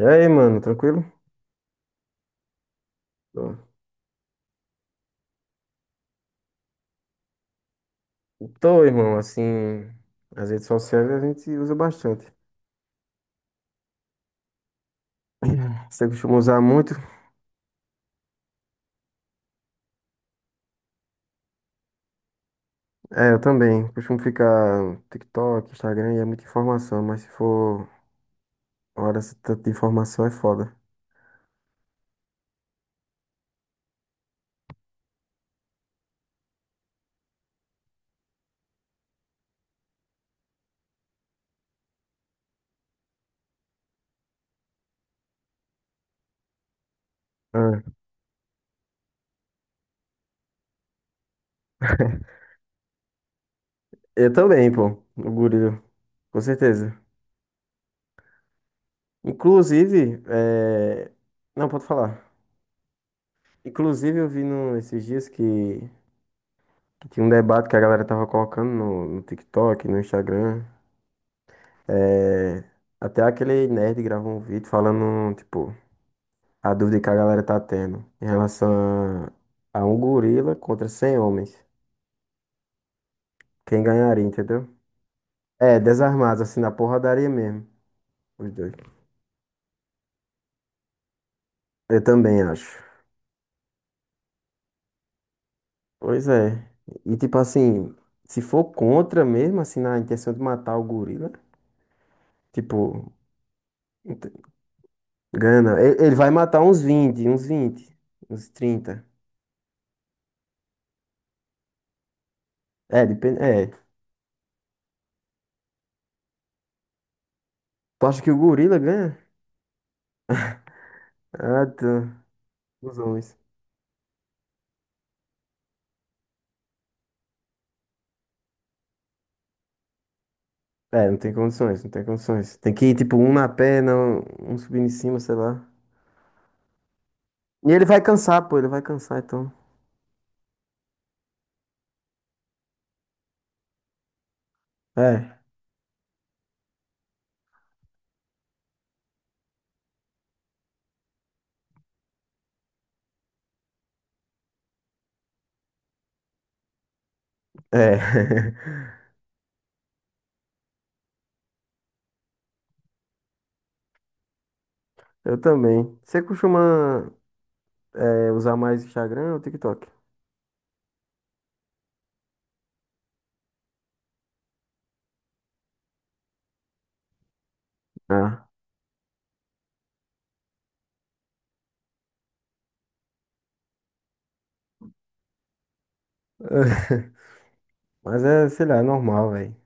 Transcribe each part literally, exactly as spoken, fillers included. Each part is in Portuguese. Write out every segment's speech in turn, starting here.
E aí, mano, tranquilo? Tô. Tô, irmão, assim, as redes sociais a gente usa bastante. Você costuma usar muito? É, eu também. Costumo ficar no TikTok, Instagram, e é muita informação, mas se for hora esse tanto de informação é foda. Ah. Eu também, pô, o gorila, com certeza. Inclusive, é... não, pode falar. Inclusive, eu vi no, esses dias que, que tinha um debate que a galera tava colocando no, no TikTok, no Instagram. É, até aquele nerd gravou um vídeo falando, tipo, a dúvida que a galera tá tendo em relação a, a um gorila contra cem homens. Quem ganharia, entendeu? É, desarmados, assim, na porradaria mesmo, os dois. Eu também acho. Pois é. E, tipo, assim, se for contra mesmo, assim, na intenção de matar o gorila, tipo, ent- ganha não. Ele, ele vai matar uns vinte uns vinte uns trinta. É, depende. É. Tu acha que o gorila ganha? Ah, tá. Os homens. É, não tem condições, não tem condições. Tem que ir, tipo, um na perna, um um subindo em cima, sei lá. E ele vai cansar, pô, ele vai cansar, então. É, é. Eu também. Você costuma, é, usar mais Instagram ou TikTok? Ah. Mas é, sei lá, é normal, velho.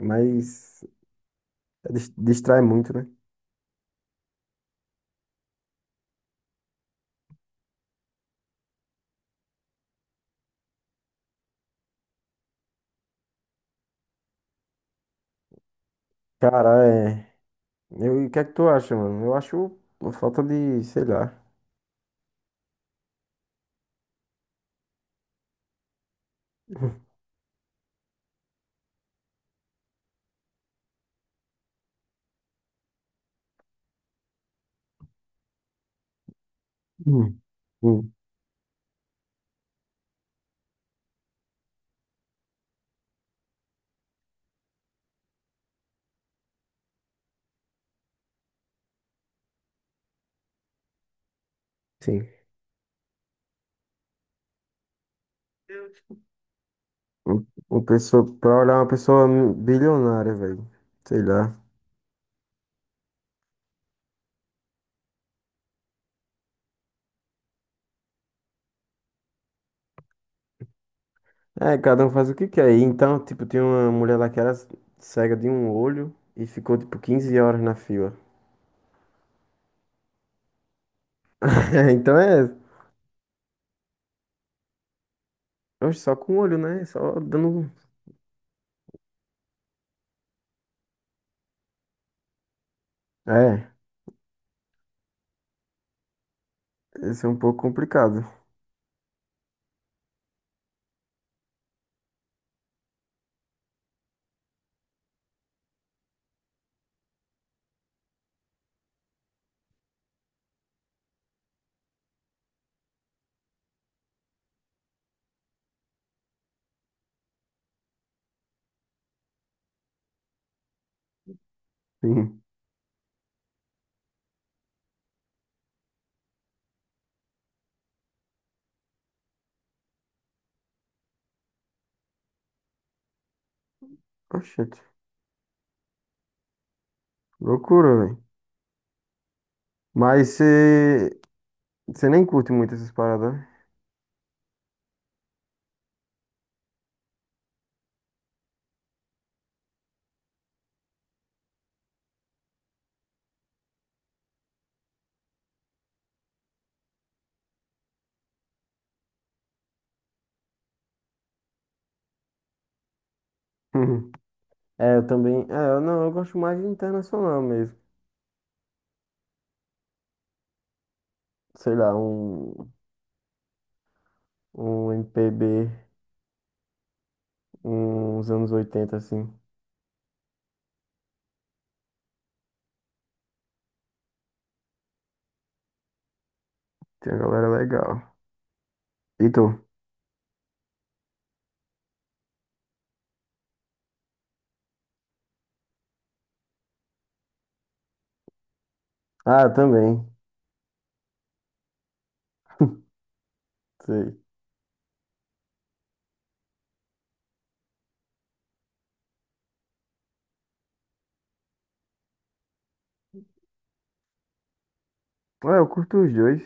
Mas é dis- distrai muito, né? Cara, é. Eu, e o que é que tu acha, mano? Eu acho uma falta de, sei lá. Hum. Hum. Sim. Um. Uma pessoa, pra olhar uma pessoa bilionária, velho. Sei lá. É, cada um faz o que quer. E então, tipo, tinha uma mulher lá que era cega de um olho e ficou, tipo, quinze horas na fila. Então é. Oxe, só com o olho, né? Só dando um. É, esse é um pouco complicado. Sim. Oxente. Loucura, velho. Mas você. Você nem curte muito essas paradas, né? É, eu também. É, eu não, eu gosto mais de internacional mesmo. Sei lá, um. Um M P B. Uns anos oitenta assim. Tem uma galera é legal. E tu? Ah, também. Sei. Ah, eu curto os dois.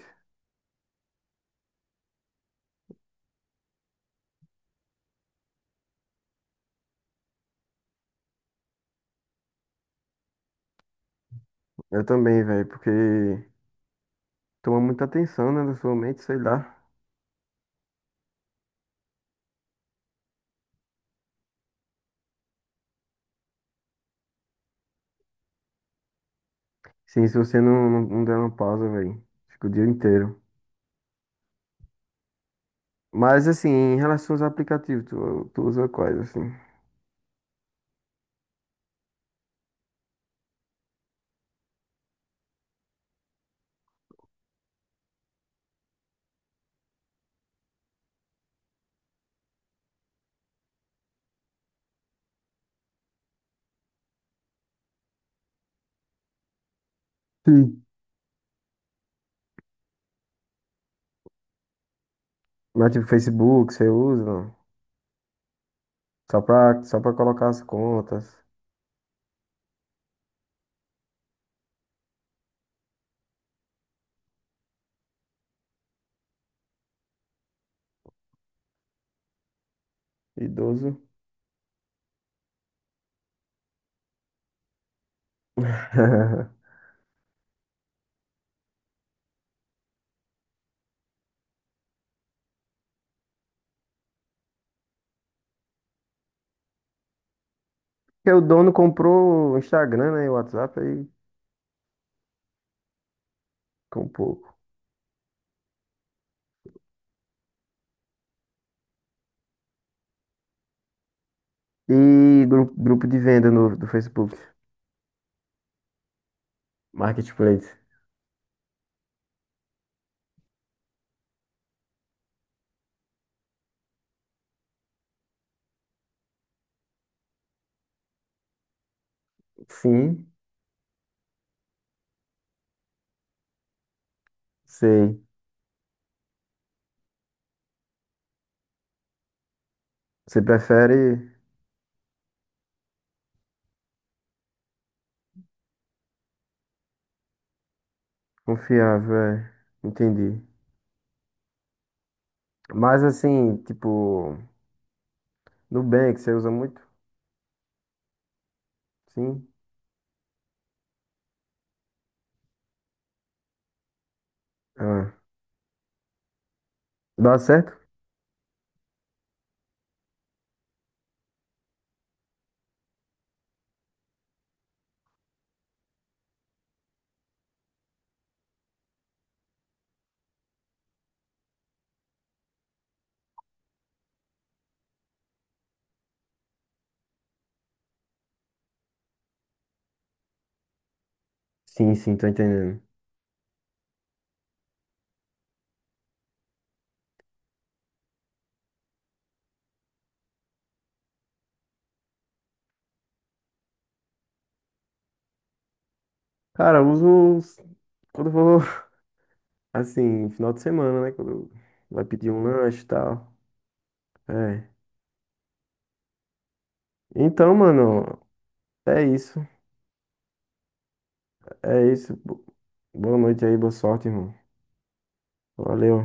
Eu também, velho, porque toma muita atenção, né, da sua mente, sei lá. Sim, se você não, não, não der uma pausa, velho, fica o dia inteiro. Mas, assim, em relação aos aplicativos, tu, tu usa quais, assim? Sim. Mas, tipo, Facebook, você usa? Não? Só pra, só pra colocar as contas. Idoso. Porque o dono comprou o Instagram, né, e o WhatsApp, aí comprou. E grupo, grupo de venda no, do Facebook. Marketplace. Sim, sei. Você prefere confiável, é. Entendi. Mas assim, tipo, Nubank, você usa muito? Sim. Ah, dá certo? Sim, sim, tô entendendo. Cara, eu uso s- quando eu vou, assim, final de semana, né? Quando vai pedir um lanche e tal. É. Então, mano, é isso. É isso. Bo- Boa noite aí, boa sorte, irmão. Valeu.